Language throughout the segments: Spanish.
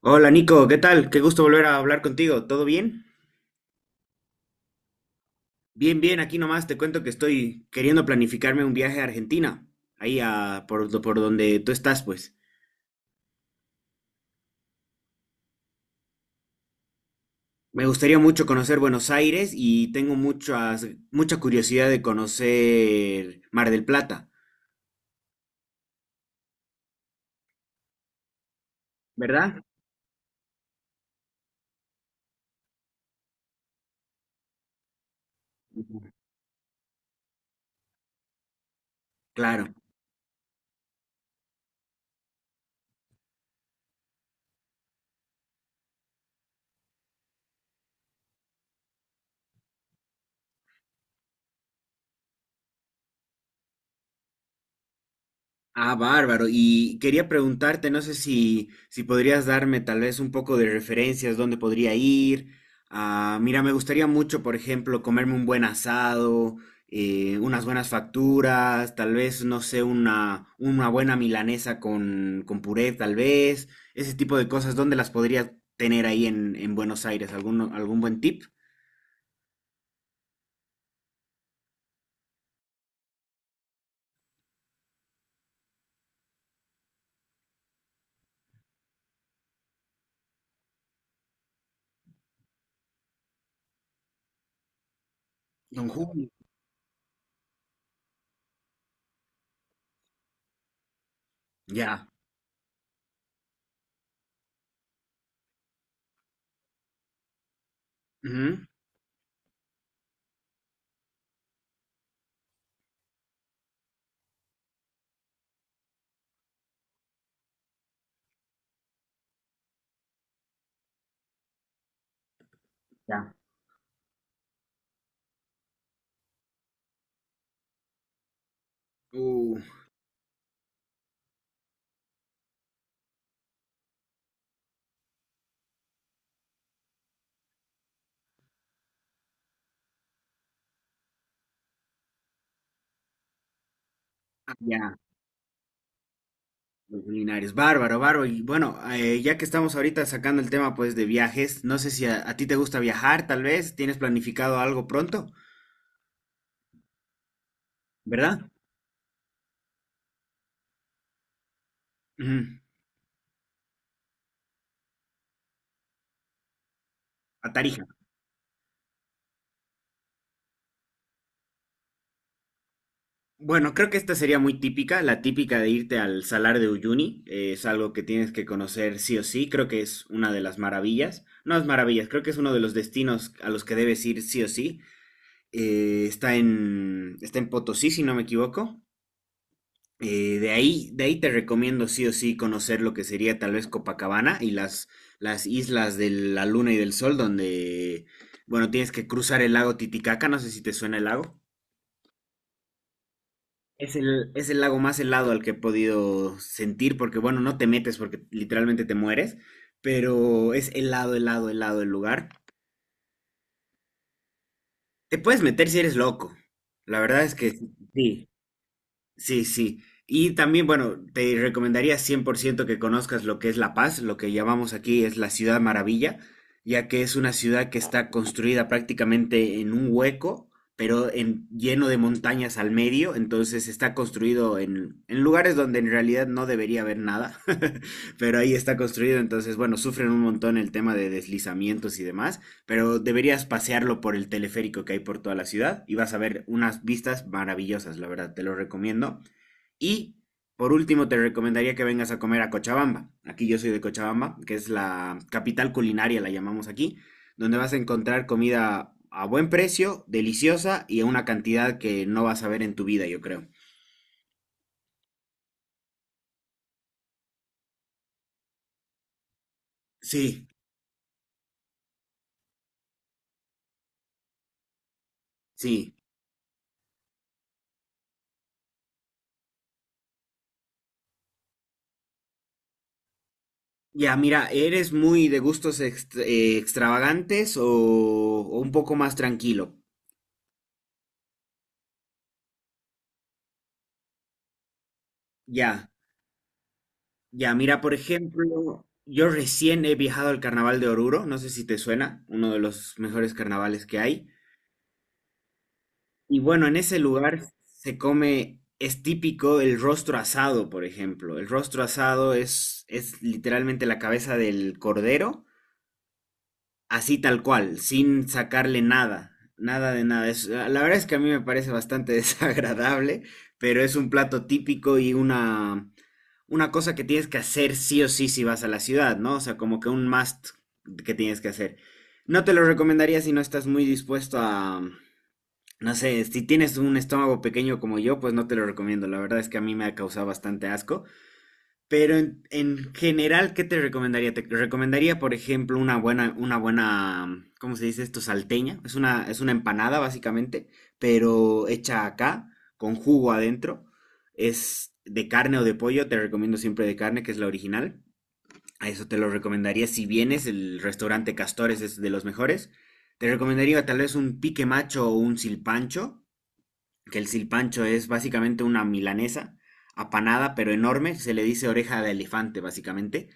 Hola, Nico, ¿qué tal? Qué gusto volver a hablar contigo. ¿Todo bien? Bien, aquí nomás te cuento que estoy queriendo planificarme un viaje a Argentina, ahí por donde tú estás, pues. Me gustaría mucho conocer Buenos Aires y tengo mucha curiosidad de conocer Mar del Plata, ¿verdad? Claro. Ah, bárbaro. Y quería preguntarte, no sé si podrías darme tal vez un poco de referencias, dónde podría ir. Ah, mira, me gustaría mucho, por ejemplo, comerme un buen asado, unas buenas facturas, tal vez, no sé, una buena milanesa con puré, tal vez. Ese tipo de cosas, ¿dónde las podría tener ahí en Buenos Aires? Algún buen tip? Don Julio. Ya. Ujú. Ya. Uh, ah, ya. Los culinarios, bárbaro, bárbaro. Y bueno, ya que estamos ahorita sacando el tema pues de viajes, no sé si a ti te gusta viajar, tal vez tienes planificado algo pronto, ¿verdad? Ujú. A Tarija. Bueno, creo que esta sería muy típica, la típica de irte al Salar de Uyuni. Eh, es algo que tienes que conocer sí o sí, creo que es una de las maravillas, no es maravillas, creo que es uno de los destinos a los que debes ir sí o sí. Está en Potosí, si no me equivoco. De ahí te recomiendo sí o sí conocer lo que sería tal vez Copacabana y las islas de la Luna y del Sol, donde, bueno, tienes que cruzar el lago Titicaca, no sé si te suena el lago. Es es el lago más helado al que he podido sentir, porque bueno, no te metes porque literalmente te mueres, pero es helado, helado, helado el lugar. Te puedes meter si eres loco. La verdad es que sí. Sí, sí. Y también, bueno, te recomendaría 100% que conozcas lo que es La Paz, lo que llamamos aquí es la Ciudad Maravilla, ya que es una ciudad que está construida prácticamente en un hueco, pero lleno de montañas al medio, entonces está construido en lugares donde en realidad no debería haber nada, pero ahí está construido, entonces, bueno, sufren un montón el tema de deslizamientos y demás, pero deberías pasearlo por el teleférico que hay por toda la ciudad y vas a ver unas vistas maravillosas, la verdad, te lo recomiendo. Y por último, te recomendaría que vengas a comer a Cochabamba. Aquí yo soy de Cochabamba, que es la capital culinaria, la llamamos aquí, donde vas a encontrar comida a buen precio, deliciosa y a una cantidad que no vas a ver en tu vida, yo creo. Sí, sí. Ya, mira, ¿eres muy de gustos extravagantes o un poco más tranquilo? Ya. Ya, mira, por ejemplo, yo recién he viajado al Carnaval de Oruro, no sé si te suena, uno de los mejores carnavales que hay. Y bueno, en ese lugar se come, es típico el rostro asado, por ejemplo. El rostro asado es literalmente la cabeza del cordero, así tal cual, sin sacarle nada, nada de nada. La verdad es que a mí me parece bastante desagradable, pero es un plato típico y una cosa que tienes que hacer sí o sí si vas a la ciudad, ¿no? O sea, como que un must que tienes que hacer. No te lo recomendaría si no estás muy dispuesto a, no sé, si tienes un estómago pequeño como yo, pues no te lo recomiendo. La verdad es que a mí me ha causado bastante asco. Pero en general, ¿qué te recomendaría? Te recomendaría, por ejemplo, una buena, ¿cómo se dice esto? Salteña. Es es una empanada, básicamente, pero hecha acá, con jugo adentro. Es de carne o de pollo, te recomiendo siempre de carne, que es la original. A eso te lo recomendaría si vienes, el restaurante Castores es de los mejores. Te recomendaría tal vez un pique macho o un silpancho, que el silpancho es básicamente una milanesa apanada pero enorme, se le dice oreja de elefante básicamente,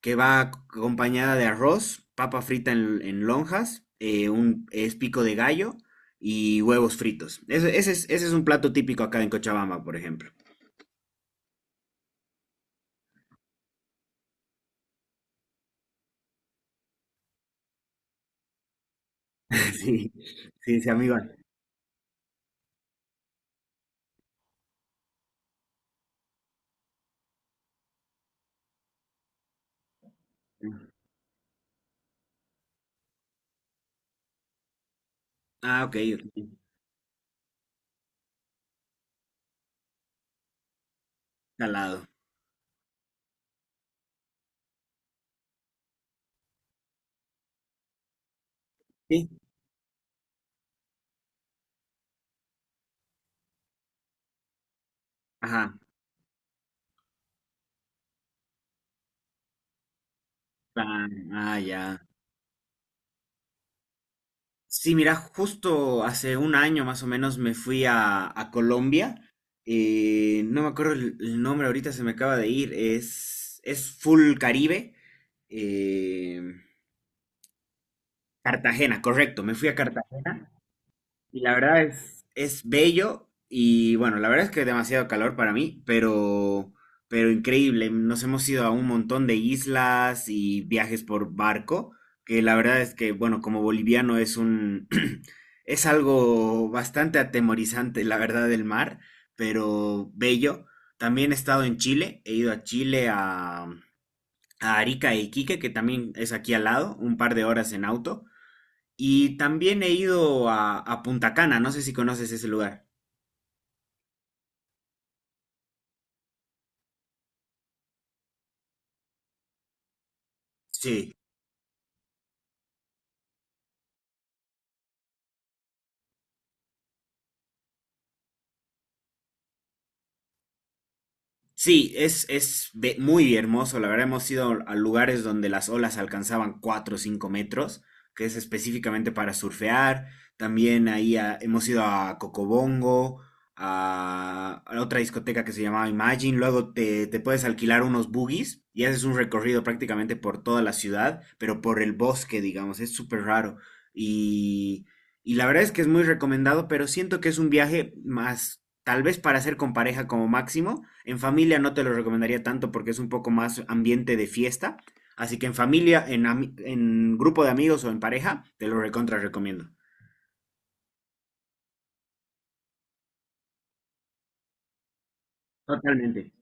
que va acompañada de arroz, papa frita en lonjas, un espico de gallo y huevos fritos. Ese es un plato típico acá en Cochabamba, por ejemplo. Sí, sí, sí, amigo. Ah, ok, ok. Salado. Sí. Ajá. Ah, ah, ya. Sí, mira, justo hace un año más o menos me fui a Colombia. No me acuerdo el nombre, ahorita se me acaba de ir. Es Full Caribe. Eh, Cartagena, correcto. Me fui a Cartagena. Y la verdad es bello y bueno, la verdad es que demasiado calor para mí, pero increíble. Nos hemos ido a un montón de islas y viajes por barco, que la verdad es que, bueno, como boliviano es un, es algo bastante atemorizante, la verdad, del mar, pero bello. También he estado en Chile, he ido a Chile a Arica e Iquique, que también es aquí al lado, un par de horas en auto. Y también he ido a Punta Cana, no sé si conoces ese lugar. Sí. Sí, muy hermoso. La verdad, hemos ido a lugares donde las olas alcanzaban 4 o 5 metros, que es específicamente para surfear. También ahí hemos ido a Cocobongo, a otra discoteca que se llamaba Imagine. Luego te puedes alquilar unos buggies y haces un recorrido prácticamente por toda la ciudad, pero por el bosque, digamos. Es súper raro. Y, y la verdad es que es muy recomendado, pero siento que es un viaje más tal vez para hacer con pareja como máximo. En familia no te lo recomendaría tanto porque es un poco más ambiente de fiesta. Así que en familia, en grupo de amigos o en pareja, te lo recontra recomiendo. Totalmente.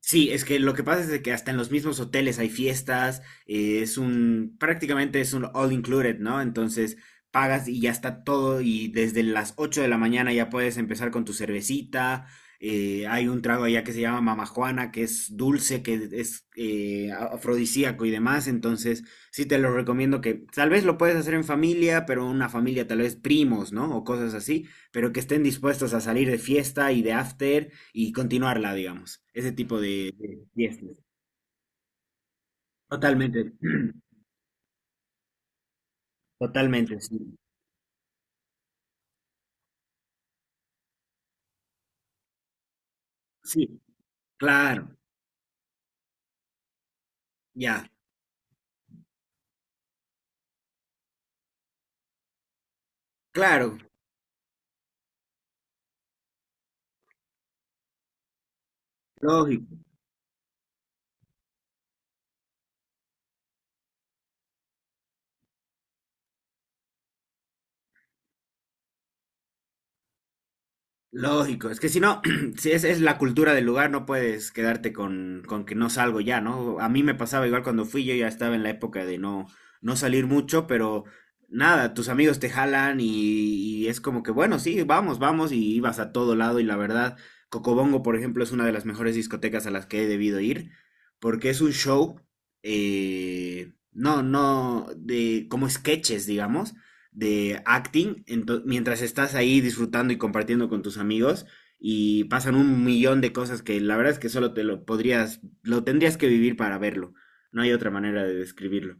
Sí, es que lo que pasa es de que hasta en los mismos hoteles hay fiestas, es un, prácticamente es un all included, ¿no? Entonces pagas y ya está todo y desde las 8 de la mañana ya puedes empezar con tu cervecita, hay un trago allá que se llama Mama Juana, que es dulce, que es afrodisíaco y demás, entonces sí te lo recomiendo que tal vez lo puedes hacer en familia, pero una familia tal vez primos, ¿no? O cosas así, pero que estén dispuestos a salir de fiesta y de after y continuarla, digamos. Ese tipo de fiestas. Totalmente, totalmente, sí. Sí, claro, ya, claro, lógico. Lógico, es que si no, si es la cultura del lugar, no puedes quedarte con que no salgo ya, ¿no? A mí me pasaba igual cuando fui, yo ya estaba en la época de no, no salir mucho, pero nada, tus amigos te jalan y es como que, bueno, sí, vamos, vamos, y ibas a todo lado, y la verdad, Cocobongo, por ejemplo, es una de las mejores discotecas a las que he debido ir, porque es un show, no, no, de, como sketches, digamos, de acting, mientras estás ahí disfrutando y compartiendo con tus amigos y pasan un millón de cosas que la verdad es que solo te lo podrías, lo tendrías que vivir para verlo. No hay otra manera de describirlo.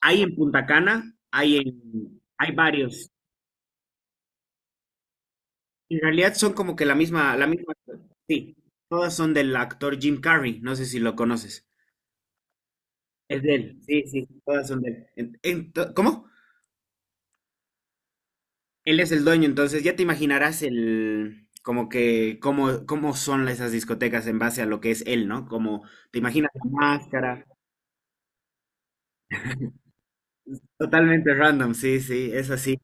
Hay en Punta Cana, hay hay varios. En realidad son como que la misma, sí, todas son del actor Jim Carrey, no sé si lo conoces. Es de él, sí, sí, todas son de él. ¿Cómo? Él es el dueño, entonces ya te imaginarás el, como que, cómo son esas discotecas en base a lo que es él, ¿no? Como te imaginas la máscara, totalmente random, sí, sí, es así.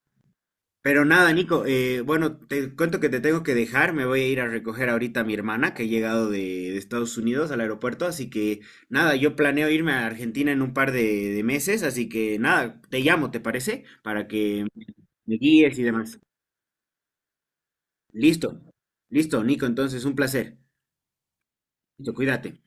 Pero nada, Nico, bueno, te cuento que te tengo que dejar, me voy a ir a recoger ahorita a mi hermana que ha llegado de Estados Unidos al aeropuerto, así que nada, yo planeo irme a Argentina en un par de meses, así que nada, te llamo, ¿te parece? Para que me guíes y demás. Listo, listo, Nico, entonces un placer. Listo, cuídate.